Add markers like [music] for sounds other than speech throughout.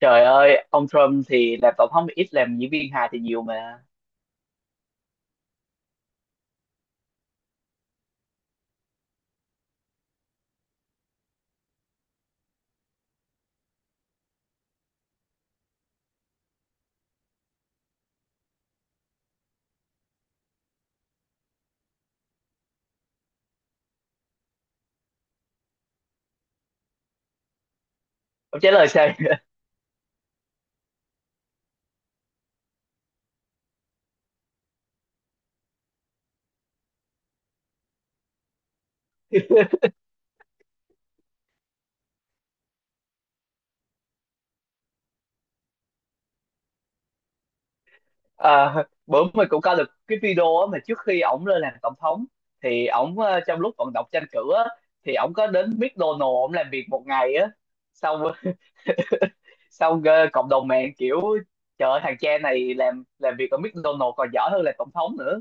Trời ơi, ông Trump thì làm tổng thống ít, làm diễn viên hài thì nhiều mà. Ông trả lời sao? [laughs] À, Bữa mình cũng coi được cái video á, mà trước khi ổng lên làm tổng thống thì ổng trong lúc vận động tranh cử á, thì ổng có đến McDonald's ổng làm việc một ngày á. Xong [laughs] xong cộng đồng mạng kiểu trời ơi, thằng cha này làm việc ở McDonald's còn giỏi hơn là tổng thống nữa.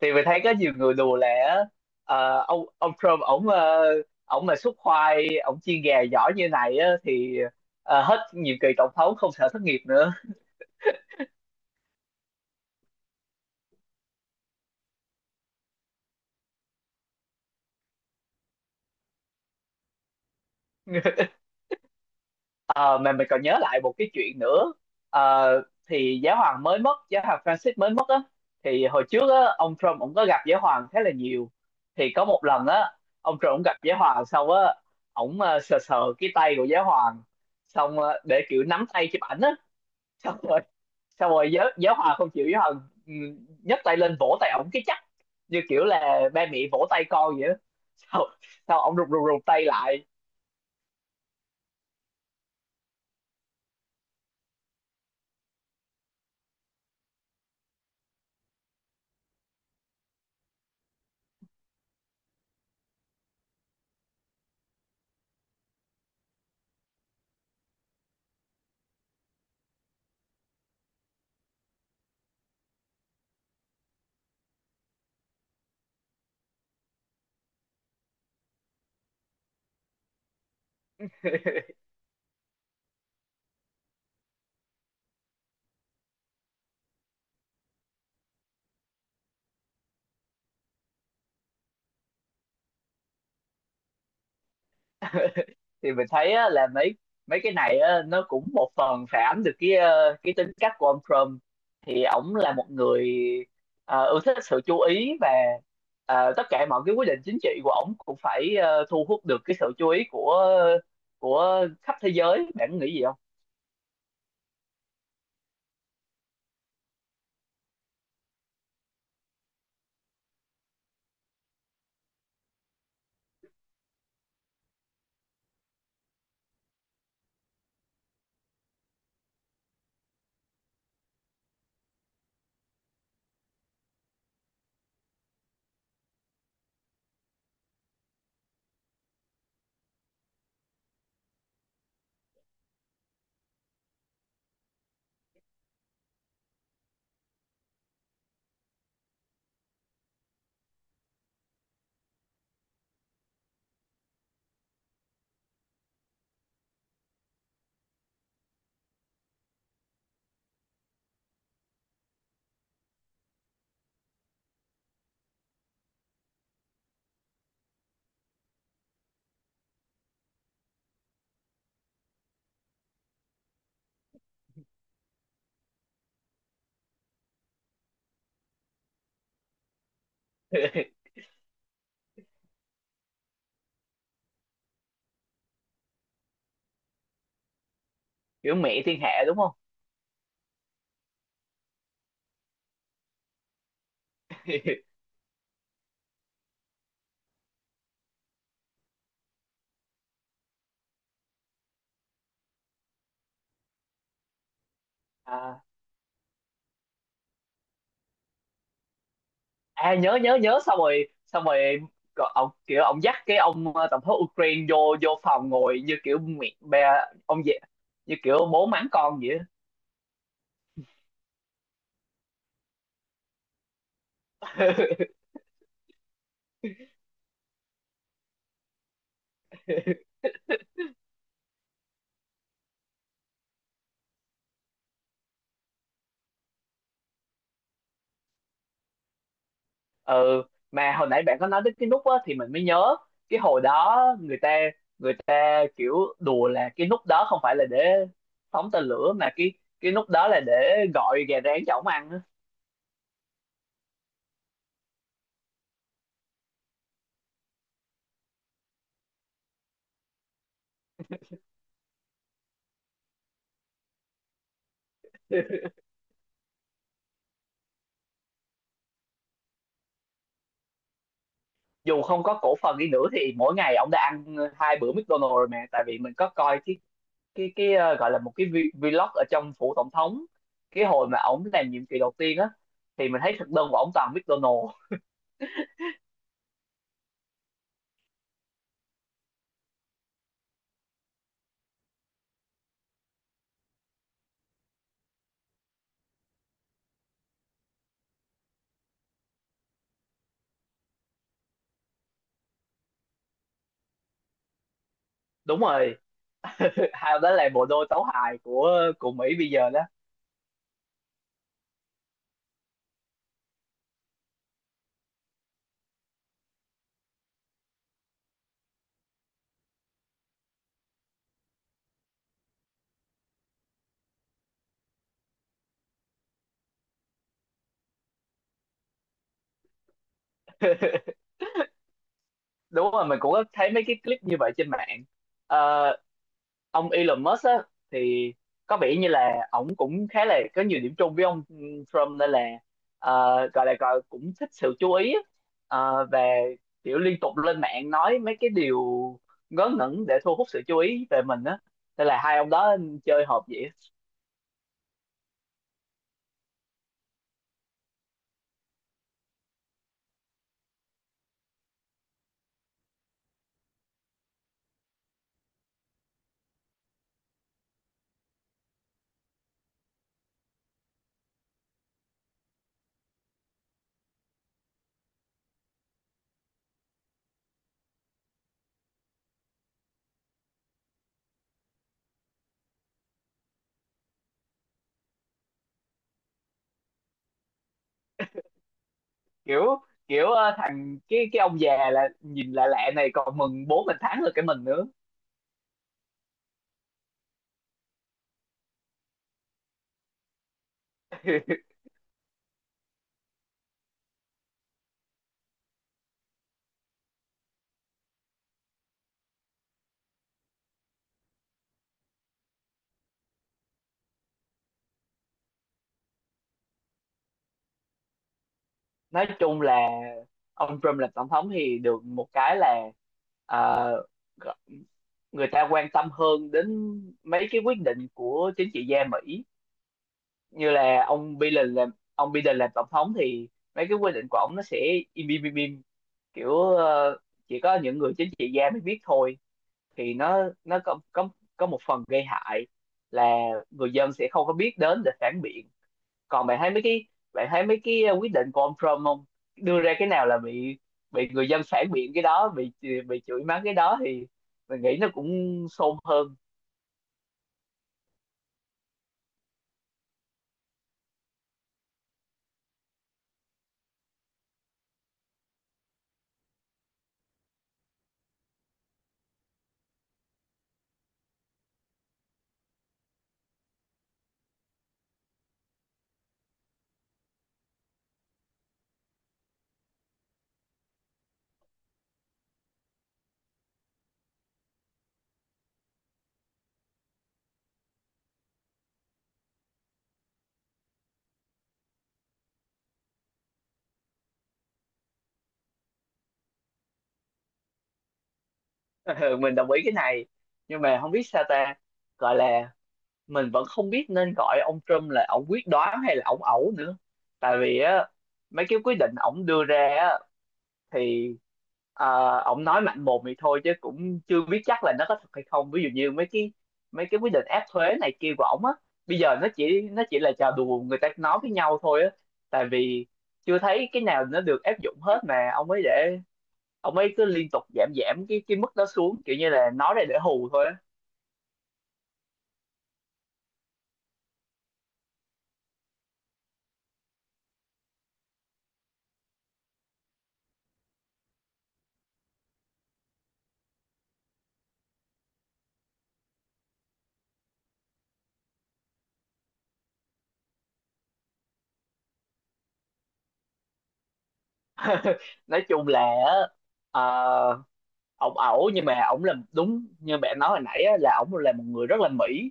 Thì mình thấy có nhiều người đùa là, ông Trump ổng, ổng mà xúc khoai ổng chiên gà giỏi như này á, thì hết nhiệm kỳ tổng thống không sợ thất nghiệp nữa. [laughs] Ờ, mà mình còn nhớ lại một cái chuyện nữa. Ờ, thì giáo hoàng mới mất, giáo hoàng Francis mới mất á, thì hồi trước á ông Trump cũng có gặp giáo hoàng khá là nhiều. Thì có một lần á, ông Trump cũng gặp giáo hoàng xong á, ổng sờ sờ cái tay của giáo hoàng, xong để kiểu nắm tay chụp ảnh á, xong rồi xong rồi giáo giáo hòa không chịu, giáo hòa ừ, nhấc tay lên vỗ tay ổng cái chắc, như kiểu là ba mẹ vỗ tay con vậy đó. Sau sau ổng rụt rụt rụt tay lại. [laughs] Thì mình thấy á, là mấy mấy cái này á, nó cũng một phần phản ánh được cái, cái tính cách của ông Trump. Thì ổng là một người ưa thích sự chú ý, và tất cả mọi cái quyết định chính trị của ổng cũng phải, thu hút được cái sự chú ý của khắp thế giới, bạn nghĩ gì không? [laughs] Kiểu mẹ thiên hạ đúng không? [laughs] À, à nhớ nhớ nhớ, xong rồi có- ông kiểu ông dắt cái ông, tổng thống Ukraine vô vô phòng ngồi như kiểu mẹ bè ông vậy, như kiểu bố mắng con vậy á. [laughs] Ừ, mà hồi nãy bạn có nói đến cái nút á, thì mình mới nhớ cái hồi đó người ta, người ta kiểu đùa là cái nút đó không phải là để phóng tên lửa, mà cái nút đó là để gọi gà rán cho ổng ăn á. [laughs] Dù không có cổ phần đi nữa thì mỗi ngày ông đã ăn hai bữa McDonald's rồi. Mà tại vì mình có coi cái cái gọi là một cái vi- vlog ở trong phủ tổng thống, cái hồi mà ổng làm nhiệm kỳ đầu tiên á, thì mình thấy thực đơn của ổng toàn McDonald's. Đúng rồi. [laughs] Hay đó là bộ đôi tấu hài của Mỹ bây giờ đó. Đúng rồi, mình cũng có thấy mấy cái clip như vậy trên mạng. Ờ, ông Elon Musk á, thì có vẻ như là ổng cũng khá là có nhiều điểm chung với ông, Trump, nên là ờ, gọi là gọi cũng thích sự chú ý á. Ờ, và kiểu liên tục lên mạng nói mấy cái điều ngớ ngẩn để thu hút sự chú ý về mình á, nên là hai ông đó chơi hợp vậy. Kiểu kiểu thằng cái ông già là nhìn lạ lạ này còn mừng bố mình thắng được cái mình nữa. [laughs] Nói chung là ông Trump làm tổng thống thì được một cái là, ờ, g- người ta quan tâm hơn đến mấy cái quyết định của chính trị gia Mỹ. Như là ông Biden làm, ông Biden làm tổng thống thì mấy cái quyết định của ông nó sẽ im. Kiểu chỉ có những người chính trị gia mới biết thôi, thì nó nó có một phần gây hại là người dân sẽ không có biết đến để phản biện. Còn bạn thấy mấy cái, bạn thấy mấy cái quyết định của ông Trump không, đưa ra cái nào là bị người dân phản biện, cái đó bị chửi mắng, cái đó thì mình nghĩ nó cũng xôn hơn. [laughs] Mình đồng ý cái này, nhưng mà không biết sao ta, gọi là, mình vẫn không biết nên gọi ông Trump là ông quyết đoán hay là ông ẩu nữa. Tại vì á, mấy cái quyết định ổng đưa ra á, thì ờ, ông nói mạnh mồm thì thôi chứ cũng chưa biết chắc là nó có thật hay không. Ví dụ như mấy cái, mấy cái quyết định áp thuế này kia của ổng á, bây giờ nó chỉ, nó chỉ là trò đùa người ta nói với nhau thôi á. Tại vì chưa thấy cái nào nó được áp dụng hết, mà ông ấy để ông ấy cứ liên tục giảm, giảm cái mức đó xuống, kiểu như là nói ra để hù thôi á. [laughs] Nói chung là á, ờ, ổng ẩu, nhưng mà ổng là đúng như bạn nói hồi nãy á, là ổng là một người rất là mỹ.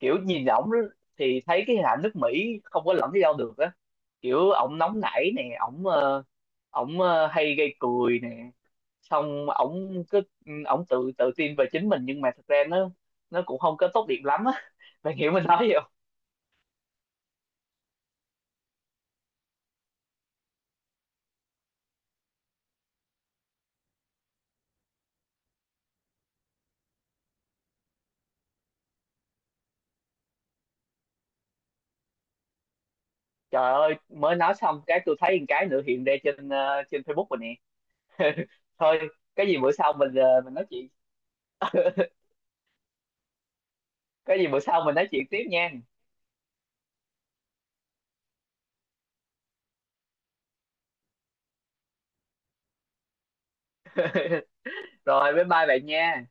Kiểu nhìn ổng đó thì thấy cái hình ảnh nước Mỹ không có lẫn đi đâu được á. Kiểu ổng nóng nảy nè, ổng ổng hay gây cười nè, xong ổng cứ ổng tự tự tin về chính mình, nhưng mà thật ra nó cũng không có tốt đẹp lắm á. [laughs] Mày hiểu mình nói gì không? Trời ơi, mới nói xong cái tôi thấy một cái nữa hiện ra trên, trên Facebook rồi nè. [laughs] Thôi, cái gì bữa sau mình, mình nói chuyện. [laughs] Cái gì bữa sau mình nói chuyện tiếp nha. [laughs] Rồi bye bye bạn nha.